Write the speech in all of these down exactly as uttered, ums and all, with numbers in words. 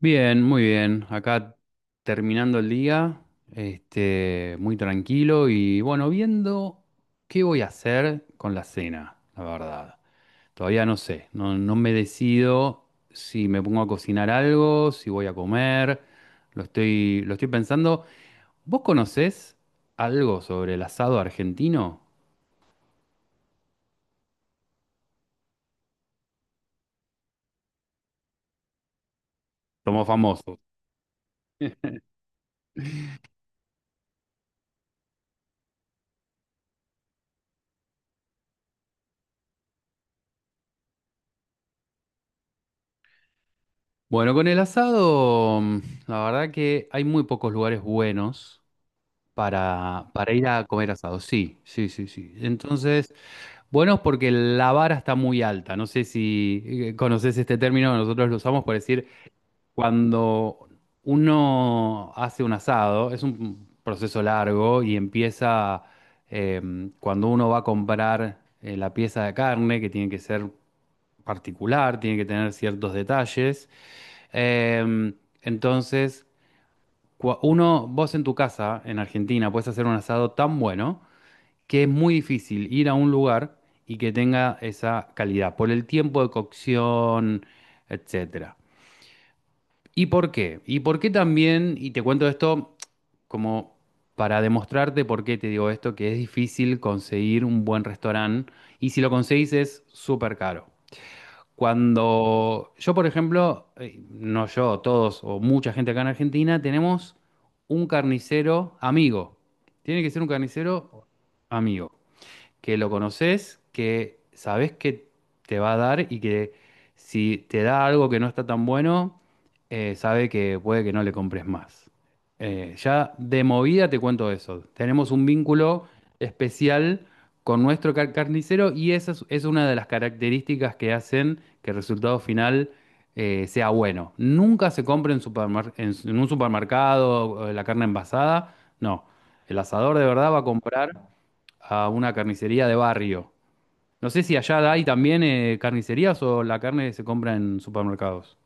Bien, muy bien. Acá terminando el día, este, muy tranquilo y bueno, viendo qué voy a hacer con la cena, la verdad. Todavía no sé, no, no me decido si me pongo a cocinar algo, si voy a comer, lo estoy, lo estoy pensando. ¿Vos conocés algo sobre el asado argentino? Somos famosos. Bueno, con el asado, mm, la verdad que hay muy pocos lugares buenos. Para, para ir a comer asado, sí, sí, sí, sí. Entonces, buenos porque la vara está muy alta. No sé si eh, conoces este término, nosotros lo usamos por decir cuando uno hace un asado, es un proceso largo y empieza eh, cuando uno va a comprar eh, la pieza de carne, que tiene que ser particular, tiene que tener ciertos detalles. Eh, entonces, cua- uno, vos en tu casa, en Argentina, puedes hacer un asado tan bueno que es muy difícil ir a un lugar y que tenga esa calidad por el tiempo de cocción, etcétera. ¿Y por qué? ¿Y por qué también? Y te cuento esto como para demostrarte por qué te digo esto, que es difícil conseguir un buen restaurante y si lo conseguís es súper caro. Cuando yo, por ejemplo, eh, no yo, todos o mucha gente acá en Argentina, tenemos un carnicero amigo. Tiene que ser un carnicero amigo que lo conoces, que sabes que te va a dar y que si te da algo que no está tan bueno, eh, sabe que puede que no le compres más. Eh, ya de movida te cuento eso. Tenemos un vínculo especial con nuestro car- carnicero y esa es, es una de las características que hacen que el resultado final eh, sea bueno. Nunca se compra en, supermar- en, en un supermercado eh, la carne envasada, no. El asador de verdad va a comprar a una carnicería de barrio. No sé si allá hay también eh, carnicerías o la carne se compra en supermercados.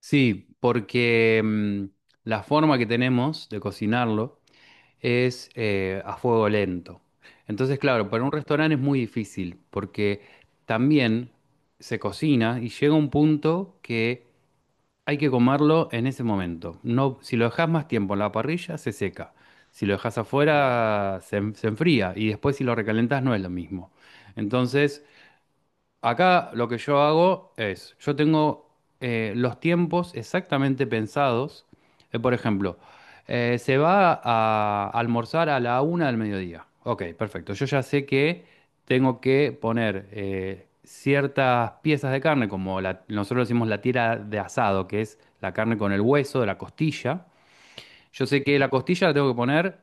Sí, porque mm, la forma que tenemos de cocinarlo es eh, a fuego lento. Entonces, claro, para un restaurante es muy difícil porque también se cocina y llega un punto que hay que comerlo en ese momento. No, si lo dejas más tiempo en la parrilla, se seca. Si lo dejas afuera, se, en- se enfría. Y después si lo recalentas, no es lo mismo. Entonces, acá lo que yo hago es, yo tengo eh, los tiempos exactamente pensados. Eh, por ejemplo, eh, se va a almorzar a la una del mediodía. Ok, perfecto. Yo ya sé que tengo que poner eh, ciertas piezas de carne, como la- nosotros decimos la tira de asado, que es la carne con el hueso, de la costilla. Yo sé que la costilla la tengo que poner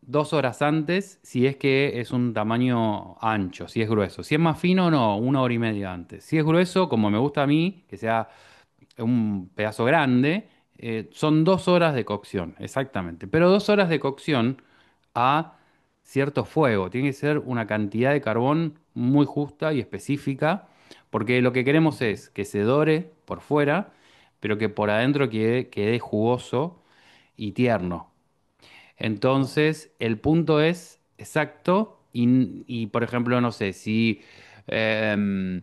dos horas antes si es que es un tamaño ancho, si es grueso. Si es más fino, no, una hora y media antes. Si es grueso, como me gusta a mí, que sea un pedazo grande, eh, son dos horas de cocción, exactamente. Pero dos horas de cocción a cierto fuego. Tiene que ser una cantidad de carbón muy justa y específica, porque lo que queremos es que se dore por fuera, pero que por adentro quede, quede jugoso y tierno. Entonces, el punto es exacto y, y, por ejemplo, no sé, si... em,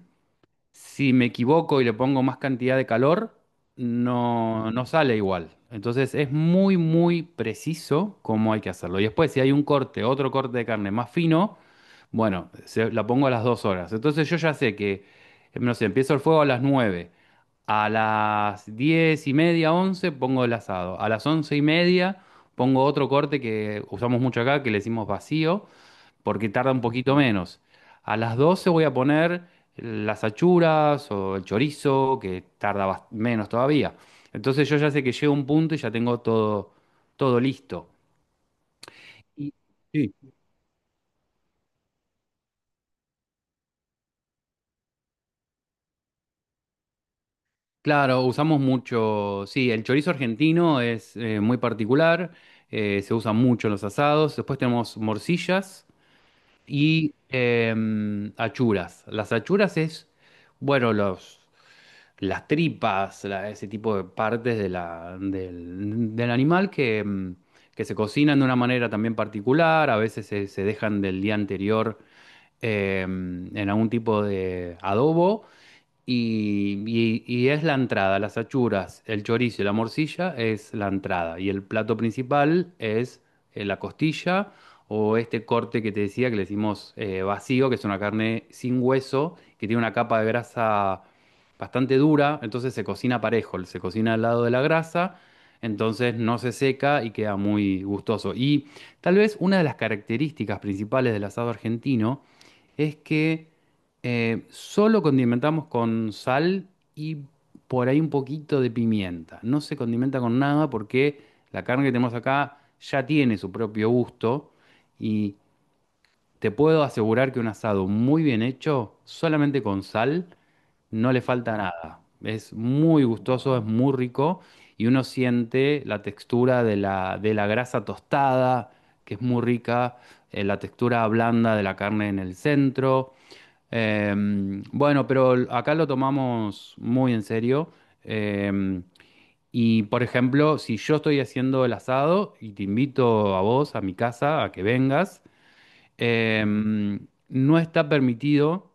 si me equivoco y le pongo más cantidad de calor, no, no sale igual. Entonces es muy, muy preciso cómo hay que hacerlo. Y después, si hay un corte, otro corte de carne más fino, bueno, se- la pongo a las dos horas. Entonces yo ya sé que, em, no sé, empiezo el fuego a las nueve. A las diez y media, once, pongo el asado. A las once y media pongo otro corte que usamos mucho acá, que le decimos vacío, porque tarda un poquito menos. A las doce voy a poner las achuras o el chorizo, que tarda bas- menos todavía. Entonces yo ya sé que llega un punto y ya tengo todo, todo listo. Y- Sí. Claro, usamos mucho, sí, el chorizo argentino es eh, muy particular, eh, se usa mucho en los asados. Después tenemos morcillas y em, achuras. Las achuras es, bueno, los las tripas, la- ese tipo de partes de la, del, del animal que, mm, que se cocinan de una manera también particular, a veces se, se dejan del día anterior eh, en algún tipo de adobo y, y- y es la entrada, las achuras, el chorizo y la morcilla es la entrada. Y el plato principal es eh, la costilla o este corte que te decía que le decimos eh, vacío, que es una carne sin hueso, que tiene una capa de grasa bastante dura, entonces se cocina parejo, se cocina al lado de la grasa, entonces no se seca y queda muy gustoso. Y tal vez una de las características principales del asado argentino es que eh, solo condimentamos con sal y por ahí un poquito de pimienta. No se condimenta con nada porque la carne que tenemos acá ya tiene su propio gusto y te puedo asegurar que un asado muy bien hecho, solamente con sal, no le falta nada. Es muy gustoso, es muy rico y uno siente la textura de la, de la grasa tostada, que es muy rica, eh, la textura blanda de la carne en el centro. Em, bueno, pero acá lo tomamos muy en serio. Em, y por ejemplo, si yo estoy haciendo el asado y te invito a vos a mi casa a que vengas, eh, no está permitido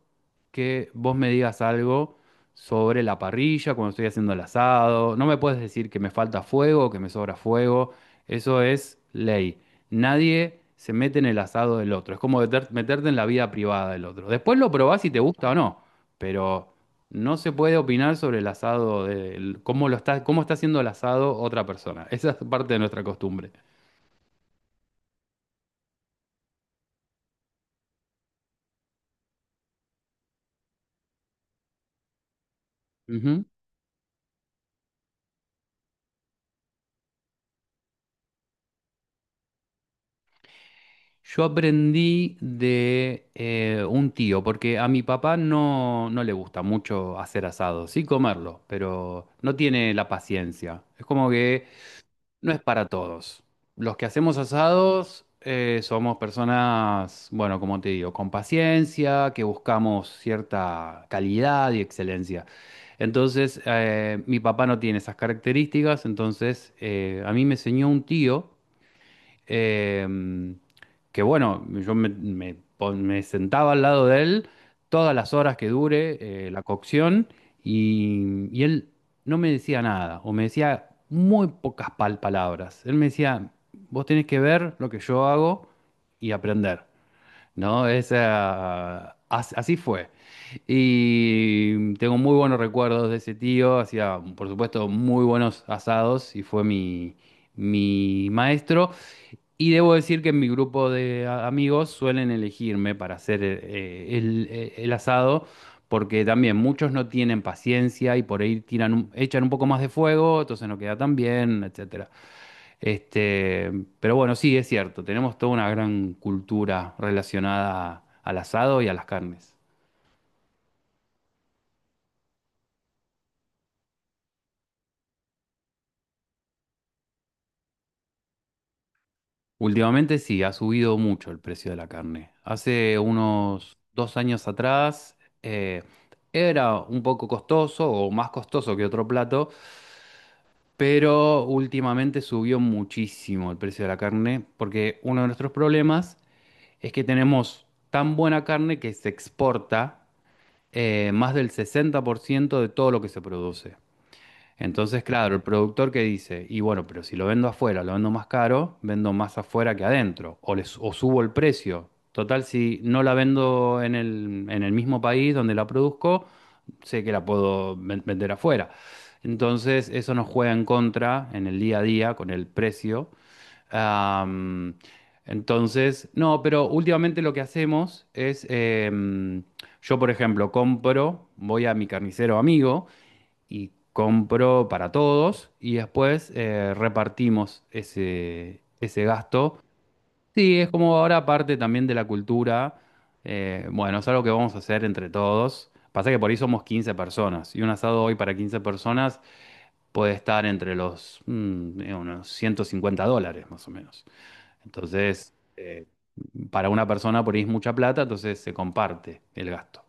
que vos me digas algo sobre la parrilla, cuando estoy haciendo el asado. No me puedes decir que me falta fuego o que me sobra fuego. Eso es ley. Nadie se mete en el asado del otro. Es como meter- meterte en la vida privada del otro. Después lo probás si te gusta o no, pero no se puede opinar sobre el asado del, cómo lo está, cómo está haciendo el asado otra persona. Esa es parte de nuestra costumbre. Ujú. Yo aprendí de eh, un tío, porque a mi papá no, no le gusta mucho hacer asado, sí comerlo, pero no tiene la paciencia. Es como que no es para todos. Los que hacemos asados eh, somos personas, bueno, como te digo, con paciencia, que buscamos cierta calidad y excelencia. Entonces, eh, mi papá no tiene esas características, entonces eh, a mí me enseñó un tío em, que bueno, yo me, me pon- me sentaba al lado de él todas las horas que dure eh, la cocción y, y él no me decía nada o me decía muy pocas pal- palabras. Él me decía, vos tenés que ver lo que yo hago y aprender, ¿no? Esa, as- así fue. Y tengo muy buenos recuerdos de ese tío, hacía por supuesto muy buenos asados y fue mi, mi maestro. Y debo decir que en mi grupo de a- amigos suelen elegirme para hacer eh, eh, el, eh, el asado, porque también muchos no tienen paciencia y por ahí tiran un- echan un poco más de fuego, entonces no queda tan bien, etcétera. Este, pero bueno, sí, es cierto, tenemos toda una gran cultura relacionada al asado y a las carnes. Últimamente sí, ha subido mucho el precio de la carne. Hace unos dos años atrás, eh, era un poco costoso o más costoso que otro plato, pero últimamente subió muchísimo el precio de la carne, porque uno de nuestros problemas es que tenemos tan buena carne que se exporta eh, más del sesenta por ciento de todo lo que se produce. Entonces, claro, el productor que dice, y bueno, pero si lo vendo afuera, lo vendo más caro, vendo más afuera que adentro, o, les, o subo el precio. Total, si no la vendo en el, en el mismo país donde la produzco, sé que la puedo ven- vender afuera. Entonces, eso nos juega en contra en el día a día con el precio. Am, entonces, no, pero últimamente lo que hacemos es, em, yo por ejemplo, compro, voy a mi carnicero amigo, y compro para todos y después eh, repartimos ese, ese gasto. Sí, es como ahora parte también de la cultura. eh, bueno, es algo que vamos a hacer entre todos. Pasa que por ahí somos quince personas y un asado hoy para quince personas puede estar entre los mm, eh, unos ciento cincuenta dólares más o menos. Entonces, eh, para una persona por ahí es mucha plata, entonces se comparte el gasto.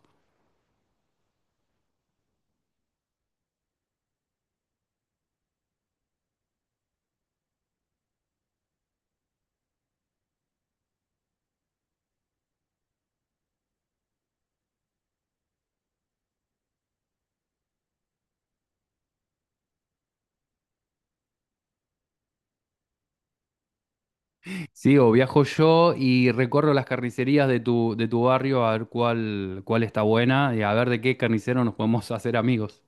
Sí, o viajo yo y recorro las carnicerías de tu, de tu barrio a ver cuál, cuál está buena y a ver de qué carnicero nos podemos hacer amigos.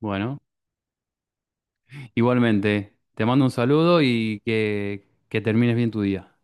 Bueno, igualmente, te mando un saludo y que, que termines bien tu día.